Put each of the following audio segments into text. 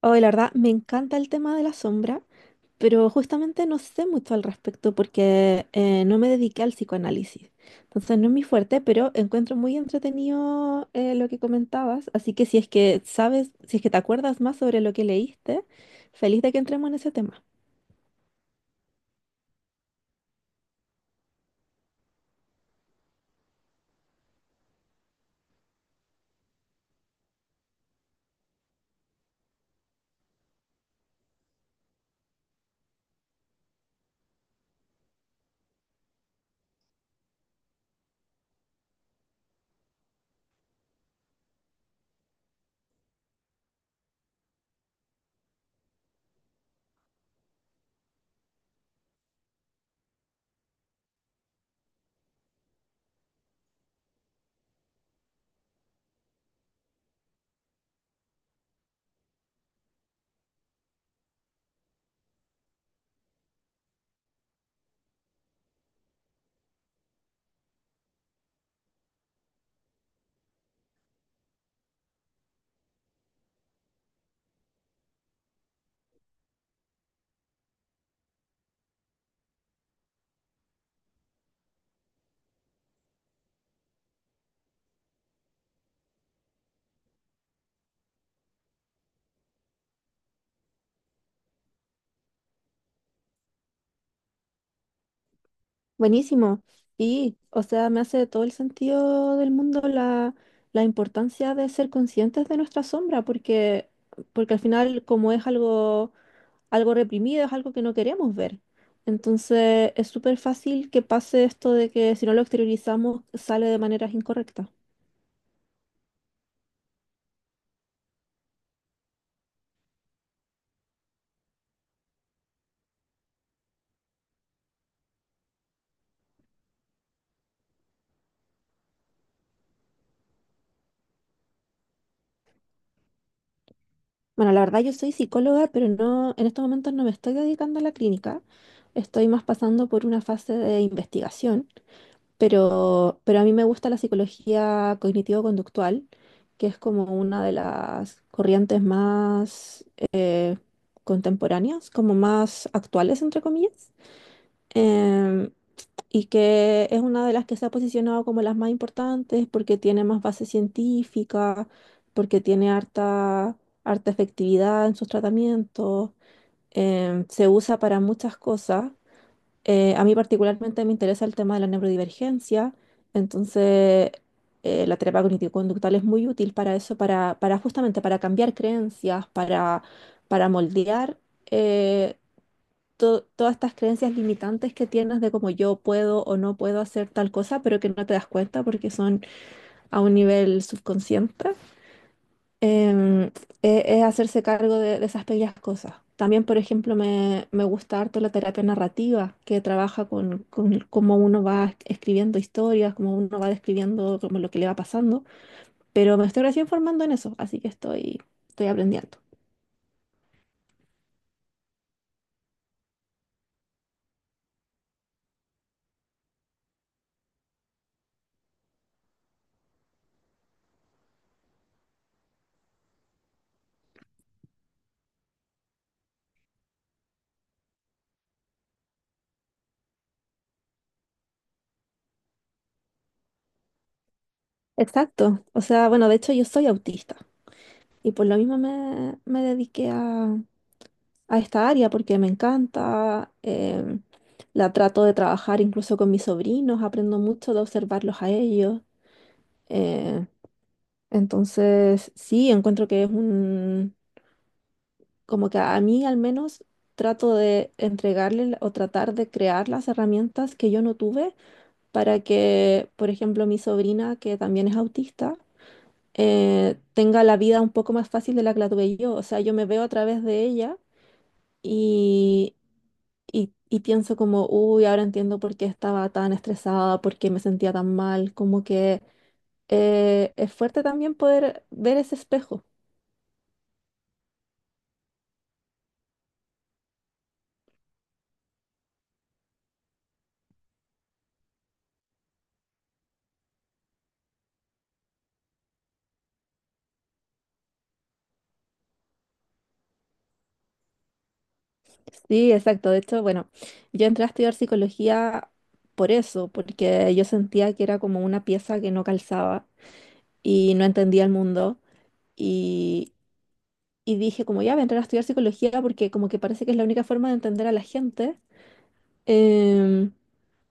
Hoy, la verdad, me encanta el tema de la sombra, pero justamente no sé mucho al respecto porque no me dediqué al psicoanálisis. Entonces, no es mi fuerte, pero encuentro muy entretenido lo que comentabas. Así que si es que sabes, si es que te acuerdas más sobre lo que leíste, feliz de que entremos en ese tema. Buenísimo. Y, o sea, me hace todo el sentido del mundo la importancia de ser conscientes de nuestra sombra, porque al final, como es algo reprimido, es algo que no queremos ver. Entonces es súper fácil que pase esto de que si no lo exteriorizamos sale de maneras incorrectas. Bueno, la verdad yo soy psicóloga, pero no, en estos momentos no me estoy dedicando a la clínica, estoy más pasando por una fase de investigación, pero a mí me gusta la psicología cognitivo-conductual, que es como una de las corrientes más eh, contemporáneas, como más actuales, entre comillas. Em, y que es una de las que se ha posicionado como las más importantes porque tiene más base científica, porque tiene harta efectividad en sus tratamientos, se usa para muchas cosas. A mí particularmente me interesa el tema de la neurodivergencia, entonces la terapia cognitivo-conductual es muy útil para eso, para justamente para cambiar para moldear. eh, Todas estas creencias limitantes que tienes de cómo yo puedo o no puedo hacer tal cosa, pero que no te das cuenta porque son a un nivel subconsciente. em, es hacerse cargo de esas pequeñas cosas. También, por ejemplo, me gusta harto la terapia narrativa, que trabaja con cómo uno va escribiendo historias, cómo uno va describiendo como lo que le va pasando, pero me estoy recién formando en eso, así que estoy aprendiendo. Exacto. O sea, bueno, de hecho yo soy autista. Y por lo mismo me dediqué a esta área porque me encanta, la trato de trabajar incluso con mis sobrinos, aprendo mucho de observarlos a ellos. eh, entonces, sí, encuentro que es un, como que a mí al menos trato de entregarle la- o tratar de crear las herramientas que yo no tuve para que, por ejemplo, mi sobrina, que también es autista, tenga la vida un poco más fácil de la que la tuve yo. O sea, yo me veo a través de ella. Y, y pienso como, uy, ahora entiendo por qué estaba tan estresada, por qué me sentía tan mal, como que es fuerte también poder ver ese espejo. Sí, exacto. De hecho, bueno, yo entré a estudiar psicología por eso, porque yo sentía que era como una pieza que no calzaba y no entendía el mundo. Y, y dije como, ya voy a entrar a estudiar psicología porque como que parece que es la única forma de entender a la gente. em,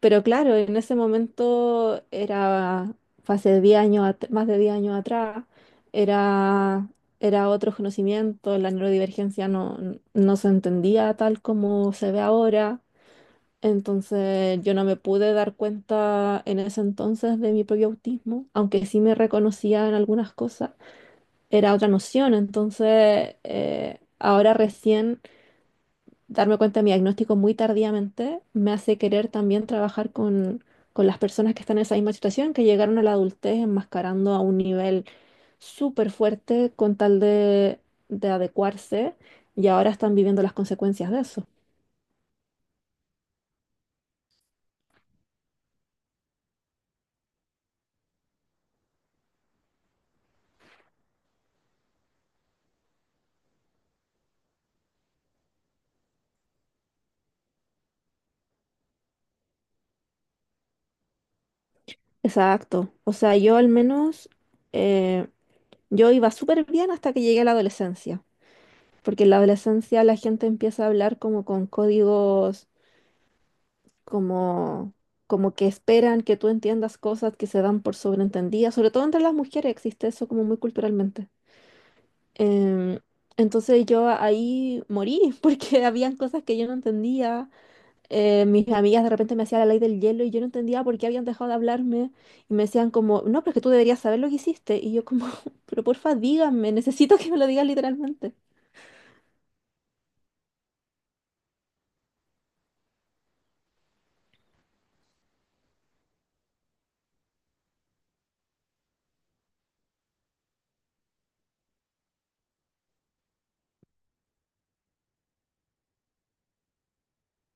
Pero claro, en ese momento era, fue hace 10 años, más de 10 años atrás, era, era otro conocimiento, la neurodivergencia no, no se entendía tal como se ve ahora, entonces yo no me pude dar cuenta en ese entonces de mi propio autismo, aunque sí me reconocía en algunas cosas, era otra noción, entonces ahora recién darme cuenta de mi diagnóstico muy tardíamente me hace querer también trabajar con las personas que están en esa misma situación, que llegaron a la adultez enmascarando a un nivel súper fuerte con tal de adecuarse y ahora están viviendo las consecuencias de eso. Exacto. O sea, yo al menos, eh, yo iba súper bien hasta que llegué a la adolescencia, porque en la adolescencia la gente empieza a hablar como con códigos como, como que esperan que tú entiendas cosas que se dan por sobreentendidas, sobre todo entre las mujeres existe eso como muy culturalmente. Em, entonces yo ahí morí porque habían cosas que yo no entendía. Mis amigas de repente me hacían la ley del hielo y yo no entendía por qué habían dejado de hablarme y me decían como, no, pero es que tú deberías saber lo que hiciste. Y yo como, pero porfa, díganme, necesito que me lo digas literalmente.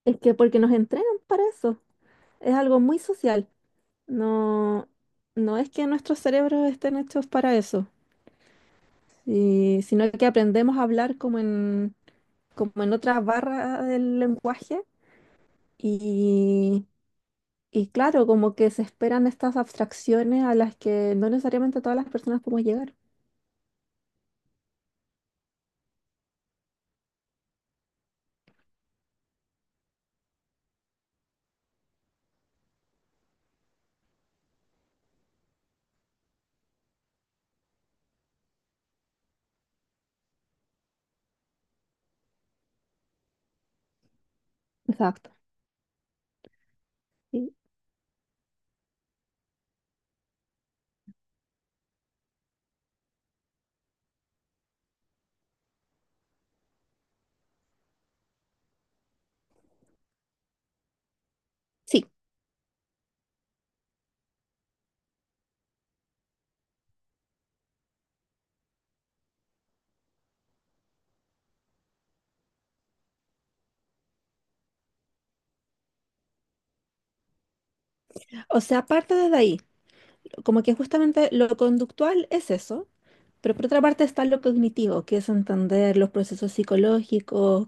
Es que porque nos entrenan para eso, es algo muy social. No, no es que nuestros cerebros estén hechos para eso, sino que aprendemos a hablar como como en otras barras del lenguaje y, y claro, como que se esperan estas abstracciones a las que no necesariamente todas las personas podemos llegar. Exacto. Sí. Sí, o sea, aparte desde ahí, como que justamente lo conductual es eso, pero por otra parte está lo cognitivo, que es entender los procesos psicológicos,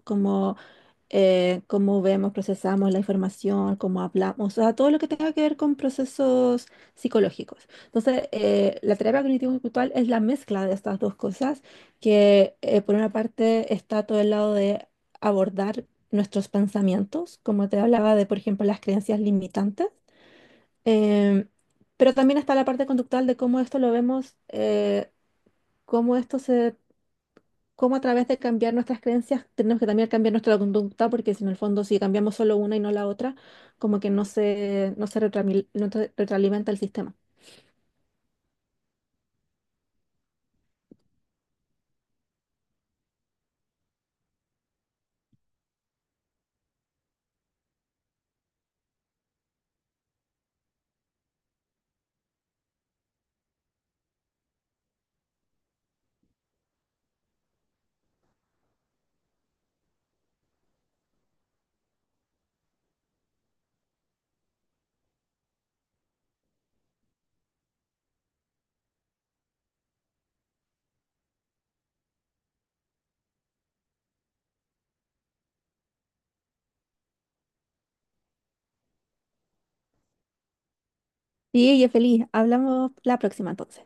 cómo vemos, procesamos la información, cómo hablamos, o sea, todo lo que tenga que ver con procesos psicológicos. Entonces, la terapia cognitivo-conductual es la mezcla de estas dos cosas, que por una parte está todo el lado de abordar nuestros pensamientos, como te hablaba de, por ejemplo, las creencias limitantes, em, pero también está la parte conductual de cómo esto lo vemos, cómo esto se cómo a través de cambiar nuestras creencias tenemos que también cambiar nuestra conducta, porque si en el fondo si cambiamos solo una y no la otra, como que no se retroalimenta el sistema. Sí, ella es feliz. Hablamos la próxima entonces.